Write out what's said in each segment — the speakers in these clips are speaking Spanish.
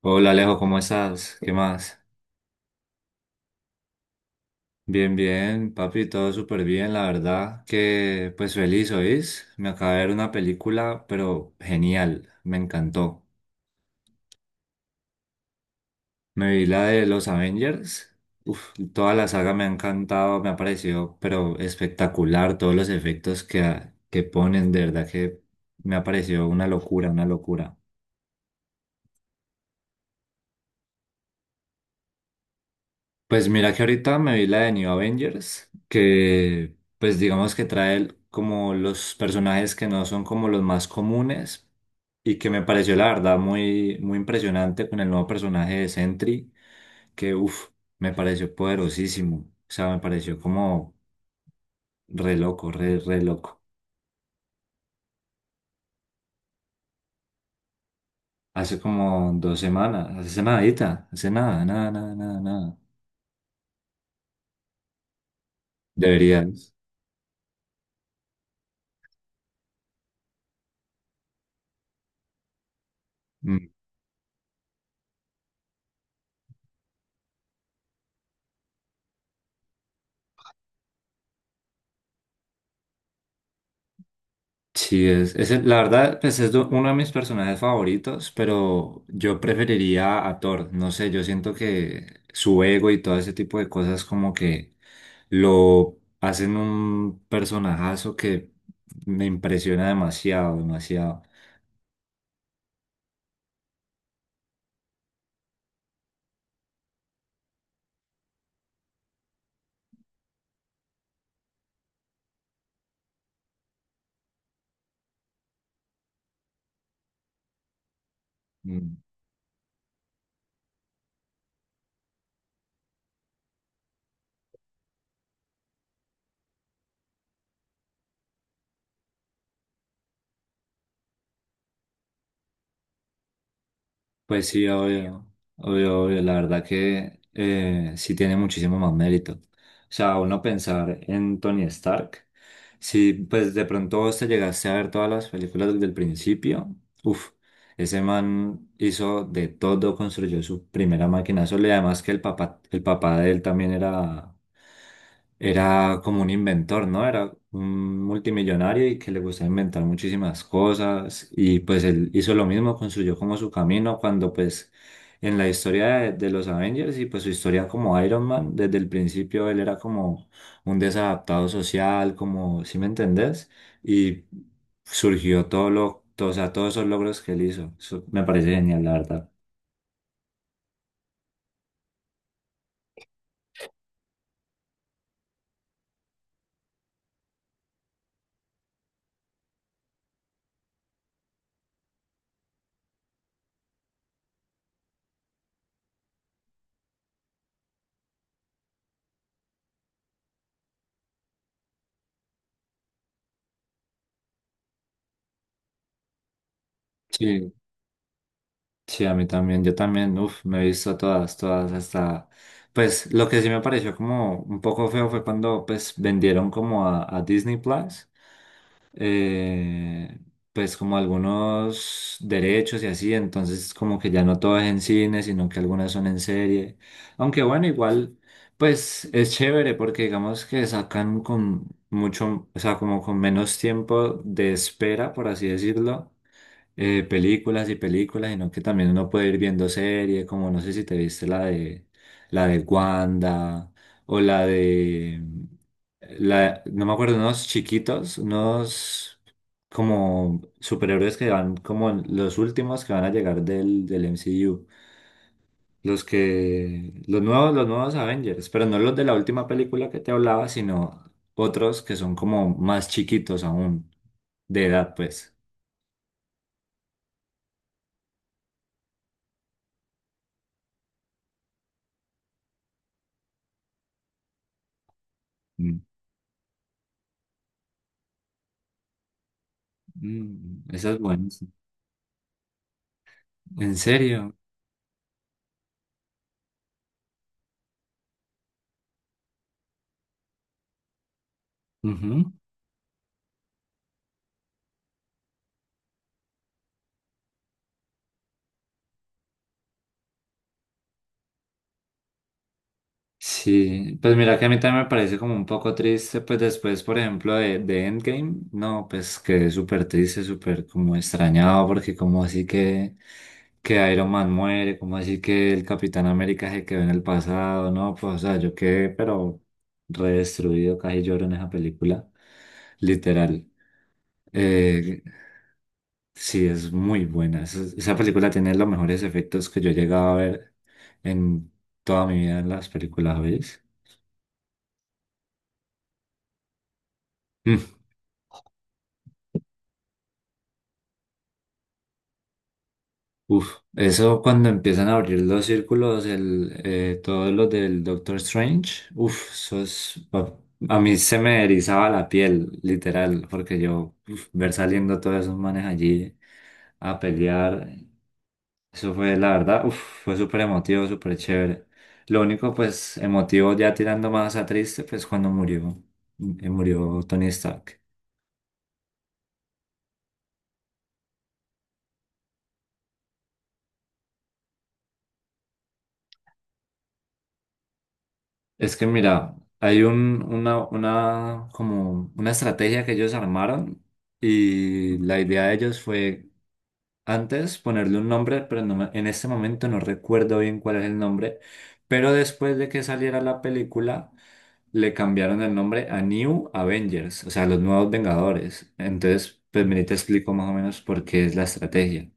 Hola Alejo, ¿cómo estás? ¿Qué más? Bien, bien, papi, todo súper bien, la verdad que feliz, ¿oís? Me acabé de ver una película, pero genial, me encantó. Me vi la de los Avengers, toda la saga me ha encantado, me ha parecido, pero espectacular, todos los efectos que ponen, de verdad que me ha parecido una locura, una locura. Pues mira que ahorita me vi la de New Avengers, que pues digamos que trae como los personajes que no son como los más comunes y que me pareció la verdad muy impresionante con el nuevo personaje de Sentry, que me pareció poderosísimo, o sea, me pareció como re loco, re loco. Hace como 2 semanas, hace nadita, hace nada, nada, nada, nada, nada. Deberías. Mm. Sí, la verdad, pues uno de mis personajes favoritos, pero yo preferiría a Thor. No sé, yo siento que su ego y todo ese tipo de cosas como que lo hacen un personajazo que me impresiona demasiado, demasiado. Mm. Pues sí, obvio, obvio. La verdad que sí tiene muchísimo más mérito. O sea, uno pensar en Tony Stark, si pues de pronto vos te llegaste a ver todas las películas desde el principio, uff, ese man hizo de todo, construyó su primera máquina sola y además que el papá de él también era como un inventor, ¿no? Era un multimillonario y que le gustaba inventar muchísimas cosas y pues él hizo lo mismo, construyó como su camino cuando pues en la historia de los Avengers y pues su historia como Iron Man, desde el principio él era como un desadaptado social, como, ¿sí me entendés? Y surgió todo, o sea, todos esos logros que él hizo. Eso me parece genial, la verdad. Sí, sí, a mí también, yo también, me he visto todas, todas hasta, pues lo que sí me pareció como un poco feo fue cuando pues vendieron como a Disney Plus eh, pues como algunos derechos y así, entonces como que ya no todo es en cine, sino que algunas son en serie. Aunque bueno, igual, pues es chévere porque digamos que sacan con mucho, o sea, como con menos tiempo de espera, por así decirlo, películas y películas, sino que también uno puede ir viendo series, como no sé si te viste la de Wanda o la, no me acuerdo, unos chiquitos, unos como superhéroes que van como los últimos que van a llegar del MCU. Los que, los nuevos Avengers, pero no los de la última película que te hablaba, sino otros que son como más chiquitos aún, de edad, pues. Mm. Mm, esa es buena. ¿En serio? Ujú. Sí, pues mira que a mí también me parece como un poco triste, pues después, por ejemplo, de Endgame, no, pues quedé súper triste, súper como extrañado, porque como así que Iron Man muere, como así que el Capitán América se quedó en el pasado, no, pues o sea, yo quedé pero redestruido, casi lloro en esa película, literal. Eh, Sí, es muy buena. Esa película tiene los mejores efectos que yo he llegado a ver en toda mi vida en las películas, veis. Mm, uf, eso cuando empiezan a abrir los círculos, todos los del Doctor Strange, eso es, a mí se me erizaba la piel, literal, porque yo, ver saliendo todos esos manes allí a pelear. Eso fue, la verdad, fue súper emotivo, súper chévere. Lo único, pues, emotivo ya tirando más a triste, pues cuando murió, murió Tony Stark. Es que mira, hay una, como una estrategia que ellos armaron y la idea de ellos fue antes ponerle un nombre, pero no me- en este momento no recuerdo bien cuál es el nombre. Pero después de que saliera la película, le cambiaron el nombre a New Avengers, o sea, los nuevos Vengadores. Entonces, pues vení, te explico más o menos por qué es la estrategia.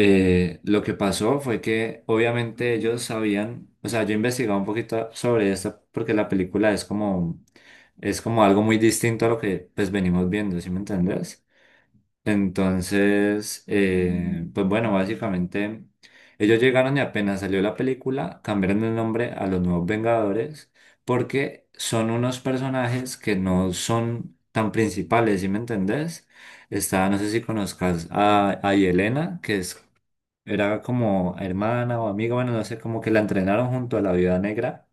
Lo que pasó fue que obviamente ellos sabían, o sea, yo investigaba un poquito sobre esto porque la película es como algo muy distinto a lo que pues venimos viendo, ¿sí me entendés? Entonces, pues bueno, básicamente ellos llegaron y apenas salió la película, cambiaron el nombre a los Nuevos Vengadores porque son unos personajes que no son tan principales, ¿sí me entendés? Está, no sé si conozcas a Yelena, que es, era como hermana o amiga, bueno, no sé, como que la entrenaron junto a la Viuda Negra.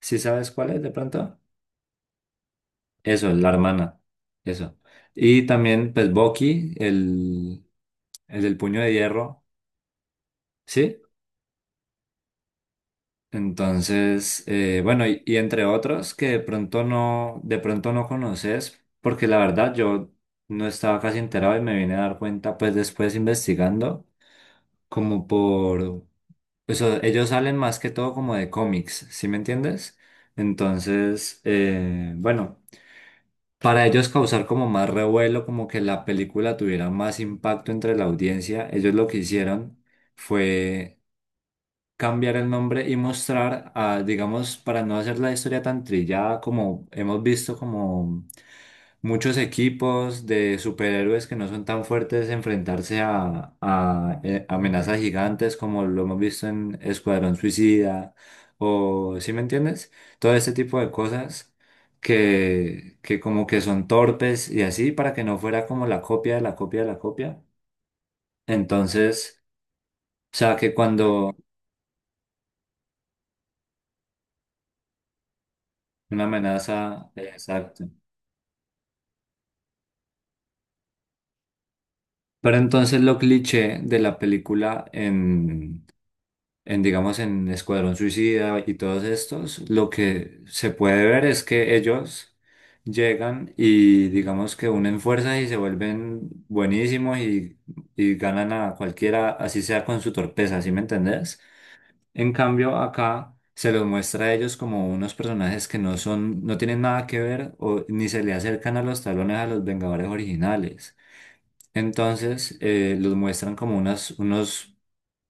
¿Sí sabes cuál es de pronto? Eso, la hermana, eso. Y también, pues, Bucky, el del puño de hierro, ¿sí? Entonces, bueno, y entre otros que de pronto no conoces, porque la verdad yo no estaba casi enterado y me vine a dar cuenta pues después investigando, como por eso, ellos salen más que todo como de cómics, ¿sí me entiendes? Entonces, bueno, para ellos causar como más revuelo, como que la película tuviera más impacto entre la audiencia, ellos lo que hicieron fue cambiar el nombre y mostrar, ah, digamos, para no hacer la historia tan trillada como hemos visto como muchos equipos de superhéroes que no son tan fuertes enfrentarse a amenazas gigantes como lo hemos visto en Escuadrón Suicida o, ¿sí me entiendes? Todo este tipo de cosas. Que como que son torpes y así para que no fuera como la copia de la copia de la copia. Entonces, o sea que cuando una amenaza, exacto. Pero entonces lo cliché de la película en, digamos, en Escuadrón Suicida y todos estos, lo que se puede ver es que ellos llegan y digamos que unen fuerzas y se vuelven buenísimos y ganan a cualquiera, así sea con su torpeza, ¿sí me entendés? En cambio, acá se los muestra a ellos como unos personajes que no son, no tienen nada que ver o ni se le acercan a los talones a los Vengadores originales. Entonces, los muestran como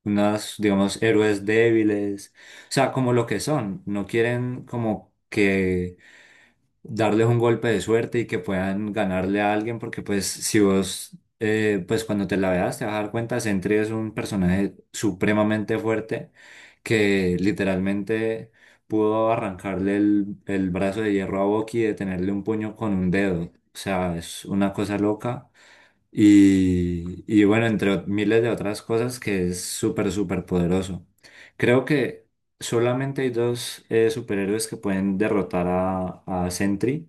unas, digamos, héroes débiles, o sea, como lo que son, no quieren como que darles un golpe de suerte y que puedan ganarle a alguien, porque pues si vos, pues cuando te la veas te vas a dar cuenta, Sentry es un personaje supremamente fuerte que literalmente pudo arrancarle el brazo de hierro a Bucky y detenerle un puño con un dedo, o sea, es una cosa loca. Y bueno, miles de otras cosas que es súper, súper poderoso. Creo que solamente hay 2 superhéroes que pueden derrotar a Sentry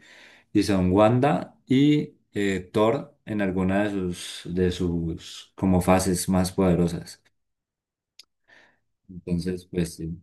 y son Wanda y Thor en alguna de sus como fases más poderosas. Entonces, pues sí.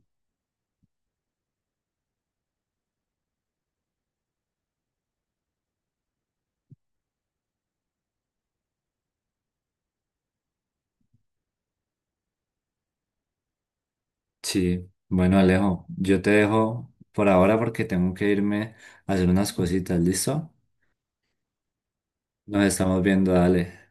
Sí, bueno, Alejo, yo te dejo por ahora porque tengo que irme a hacer unas cositas, ¿listo? Nos estamos viendo, dale.